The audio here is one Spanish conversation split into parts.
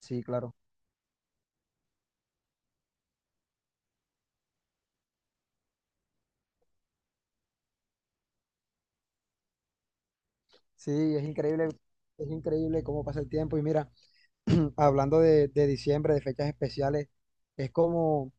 Sí, claro. Sí, es increíble, es increíble cómo pasa el tiempo. Y mira, hablando de diciembre, de fechas especiales, es como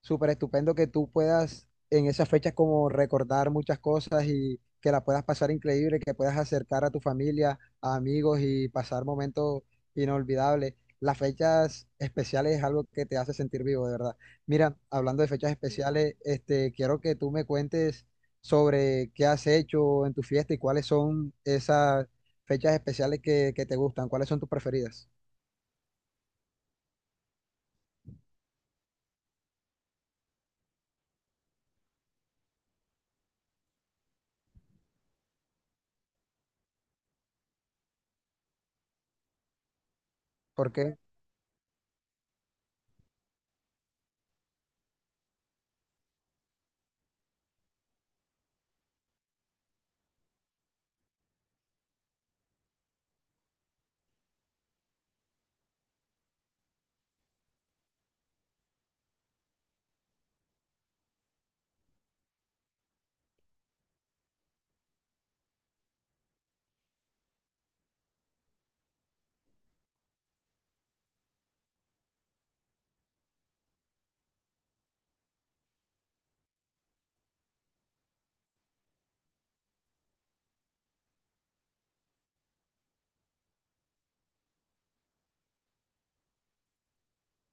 súper estupendo que tú puedas en esas fechas como recordar muchas cosas y que la puedas pasar increíble, que puedas acercar a tu familia, a amigos y pasar momentos inolvidables. Las fechas especiales es algo que te hace sentir vivo, de verdad. Mira, hablando de fechas especiales, quiero que tú me cuentes sobre qué has hecho en tu fiesta y cuáles son esas fechas especiales que te gustan, cuáles son tus preferidas. Porque,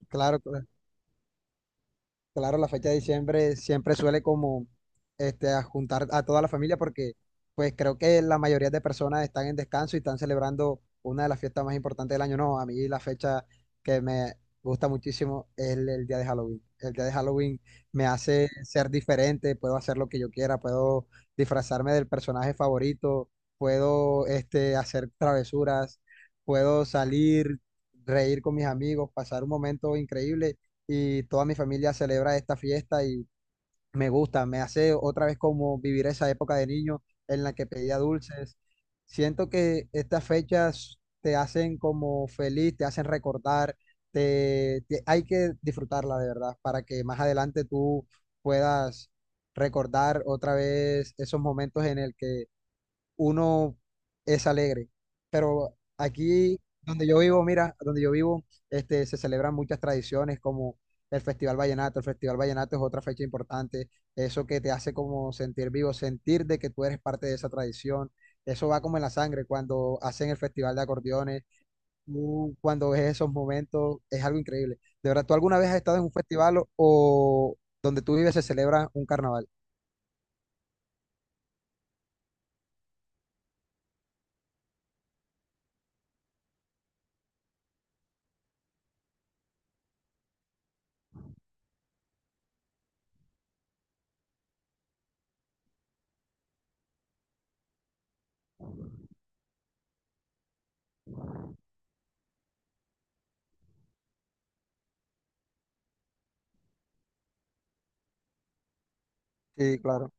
claro, claro, la fecha de diciembre siempre suele como a juntar a toda la familia porque pues creo que la mayoría de personas están en descanso y están celebrando una de las fiestas más importantes del año. No, a mí la fecha que me gusta muchísimo es el día de Halloween. El día de Halloween me hace ser diferente, puedo hacer lo que yo quiera, puedo disfrazarme del personaje favorito, puedo hacer travesuras, puedo salir, reír con mis amigos, pasar un momento increíble y toda mi familia celebra esta fiesta y me gusta, me hace otra vez como vivir esa época de niño en la que pedía dulces. Siento que estas fechas te hacen como feliz, te hacen recordar, hay que disfrutarla de verdad para que más adelante tú puedas recordar otra vez esos momentos en el que uno es alegre. Pero aquí donde yo vivo, mira, donde yo vivo, se celebran muchas tradiciones como el Festival Vallenato. El Festival Vallenato es otra fecha importante. Eso que te hace como sentir vivo, sentir de que tú eres parte de esa tradición. Eso va como en la sangre cuando hacen el Festival de Acordeones. Tú cuando ves esos momentos, es algo increíble. De verdad, ¿tú alguna vez has estado en un festival o donde tú vives se celebra un carnaval? Sí, claro.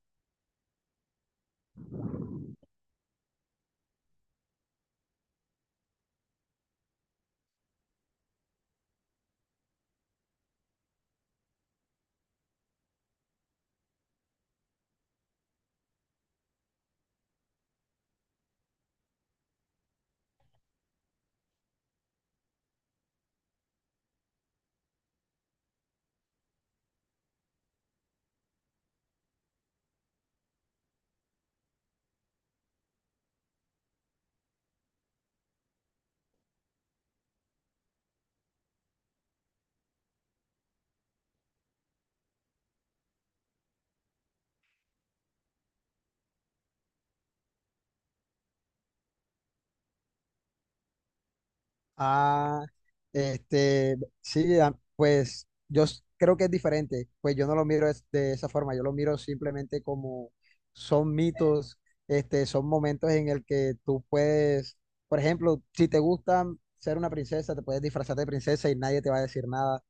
Ah, sí, ah, pues creo que es diferente, pues yo no lo miro de esa forma, yo lo miro simplemente como son mitos, son momentos en el que tú puedes, por ejemplo, si te gusta ser una princesa, te puedes disfrazar de princesa y nadie te va a decir nada.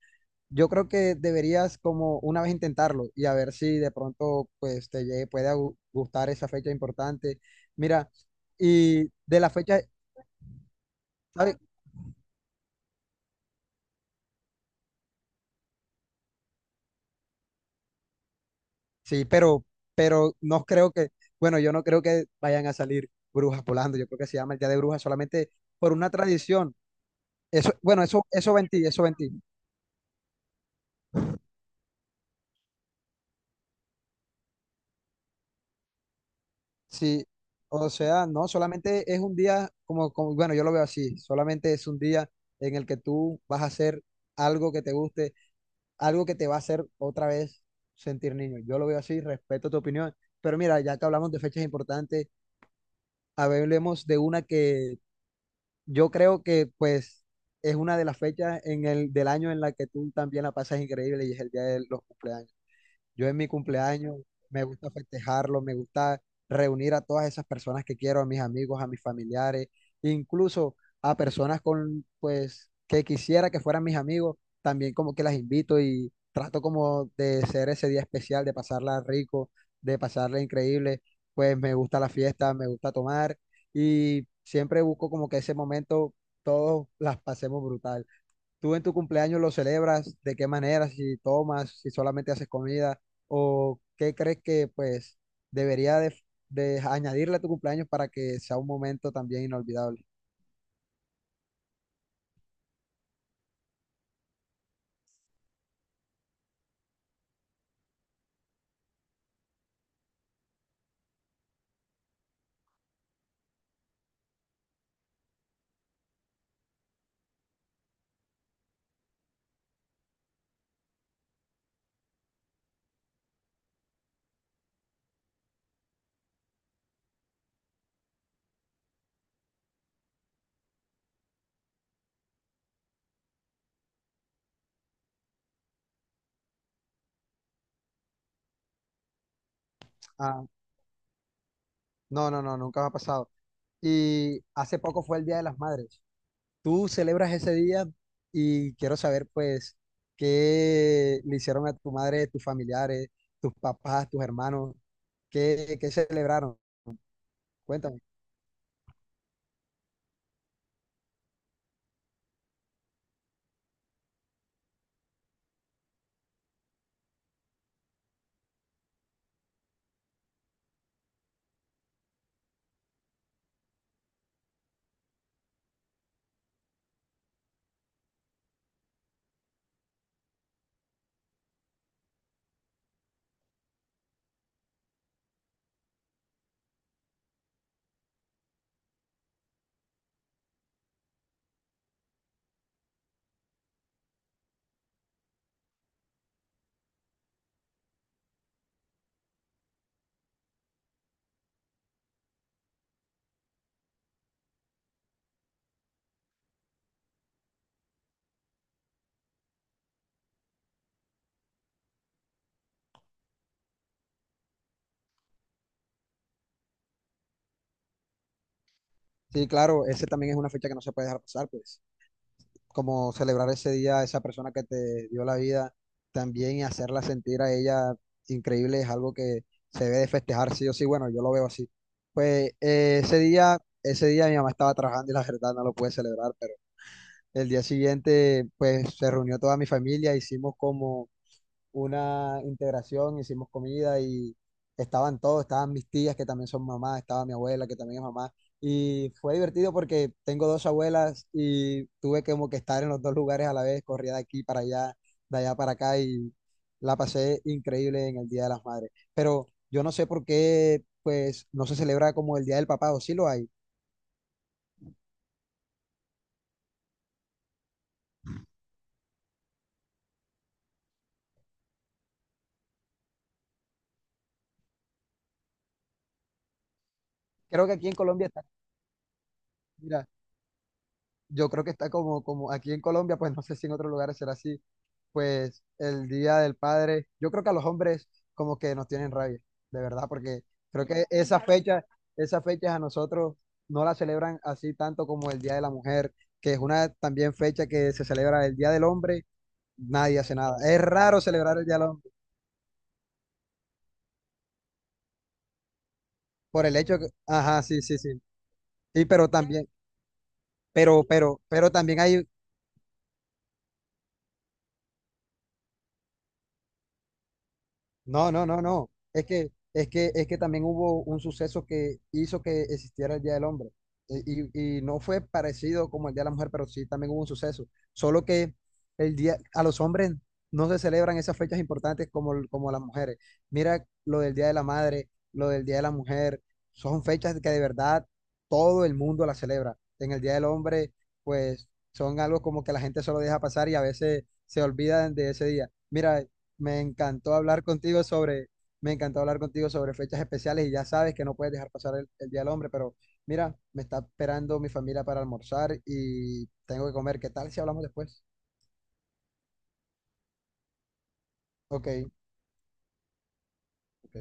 Yo creo que deberías como una vez intentarlo y a ver si de pronto pues te puede gustar esa fecha importante. Mira, y de la fecha, ¿sabes? Sí, pero no creo que, bueno, yo no creo que vayan a salir brujas volando. Yo creo que se llama el Día de Brujas solamente por una tradición. Eso, bueno, eso ventí, eso ventí. Sí, o sea, no, solamente es un día como, como, bueno, yo lo veo así, solamente es un día en el que tú vas a hacer algo que te guste, algo que te va a hacer otra vez sentir niño. Yo lo veo así, respeto tu opinión. Pero mira, ya que hablamos de fechas importantes, hablemos de una que yo creo que pues es una de las fechas en del año en la que tú también la pasas increíble y es el día de los cumpleaños. Yo en mi cumpleaños me gusta festejarlo, me gusta reunir a todas esas personas que quiero, a mis amigos, a mis familiares, incluso a personas con, pues, que quisiera que fueran mis amigos, también como que las invito y trato como de ser ese día especial, de pasarla rico, de pasarla increíble, pues me gusta la fiesta, me gusta tomar y siempre busco como que ese momento todos las pasemos brutal. ¿Tú en tu cumpleaños lo celebras? ¿De qué manera? Si tomas, si solamente haces comida, o qué crees que pues debería de añadirle a tu cumpleaños para que sea un momento también inolvidable. Ah, no, no, no, nunca me ha pasado. Y hace poco fue el Día de las Madres. ¿Tú celebras ese día? Y quiero saber pues qué le hicieron a tu madre, tus familiares, tus papás, tus hermanos, qué celebraron. Cuéntame. Sí, claro, ese también es una fecha que no se puede dejar pasar, pues. Como celebrar ese día a esa persona que te dio la vida también y hacerla sentir a ella increíble es algo que se debe de festejar sí o sí, bueno, yo lo veo así. Pues ese día mi mamá estaba trabajando y la verdad no lo pude celebrar, pero el día siguiente pues se reunió toda mi familia, hicimos como una integración, hicimos comida y estaban todos, estaban mis tías que también son mamás, estaba mi abuela que también es mamá. Y fue divertido porque tengo dos abuelas y tuve como que estar en los dos lugares a la vez, corría de aquí para allá, de allá para acá y la pasé increíble en el Día de las Madres. Pero yo no sé por qué, pues, no se celebra como el Día del Papá o sí lo hay. Creo que aquí en Colombia está, mira, yo creo que está como, como aquí en Colombia, pues no sé si en otros lugares será así, pues el Día del Padre, yo creo que a los hombres como que nos tienen rabia, de verdad, porque creo que esa fecha, esas fechas a nosotros no la celebran así tanto como el Día de la Mujer, que es una también fecha que se celebra el Día del Hombre, nadie hace nada. Es raro celebrar el Día del Hombre por el hecho que, ajá, sí, sí, sí. Y pero también, pero también hay no, no, no, no. Es que, es que también hubo un suceso que hizo que existiera el Día del Hombre. Y no fue parecido como el Día de la Mujer, pero sí también hubo un suceso. Solo que el día, a los hombres no se celebran esas fechas importantes como, como las mujeres. Mira lo del Día de la Madre, lo del Día de la Mujer. Son fechas que de verdad todo el mundo las celebra. En el Día del Hombre, pues son algo como que la gente solo deja pasar y a veces se olvidan de ese día. Mira. Me encantó hablar contigo sobre, me encantó hablar contigo sobre fechas especiales y ya sabes que no puedes dejar pasar el Día del Hombre, pero mira, me está esperando mi familia para almorzar y tengo que comer. ¿Qué tal si hablamos después? Ok. Ok.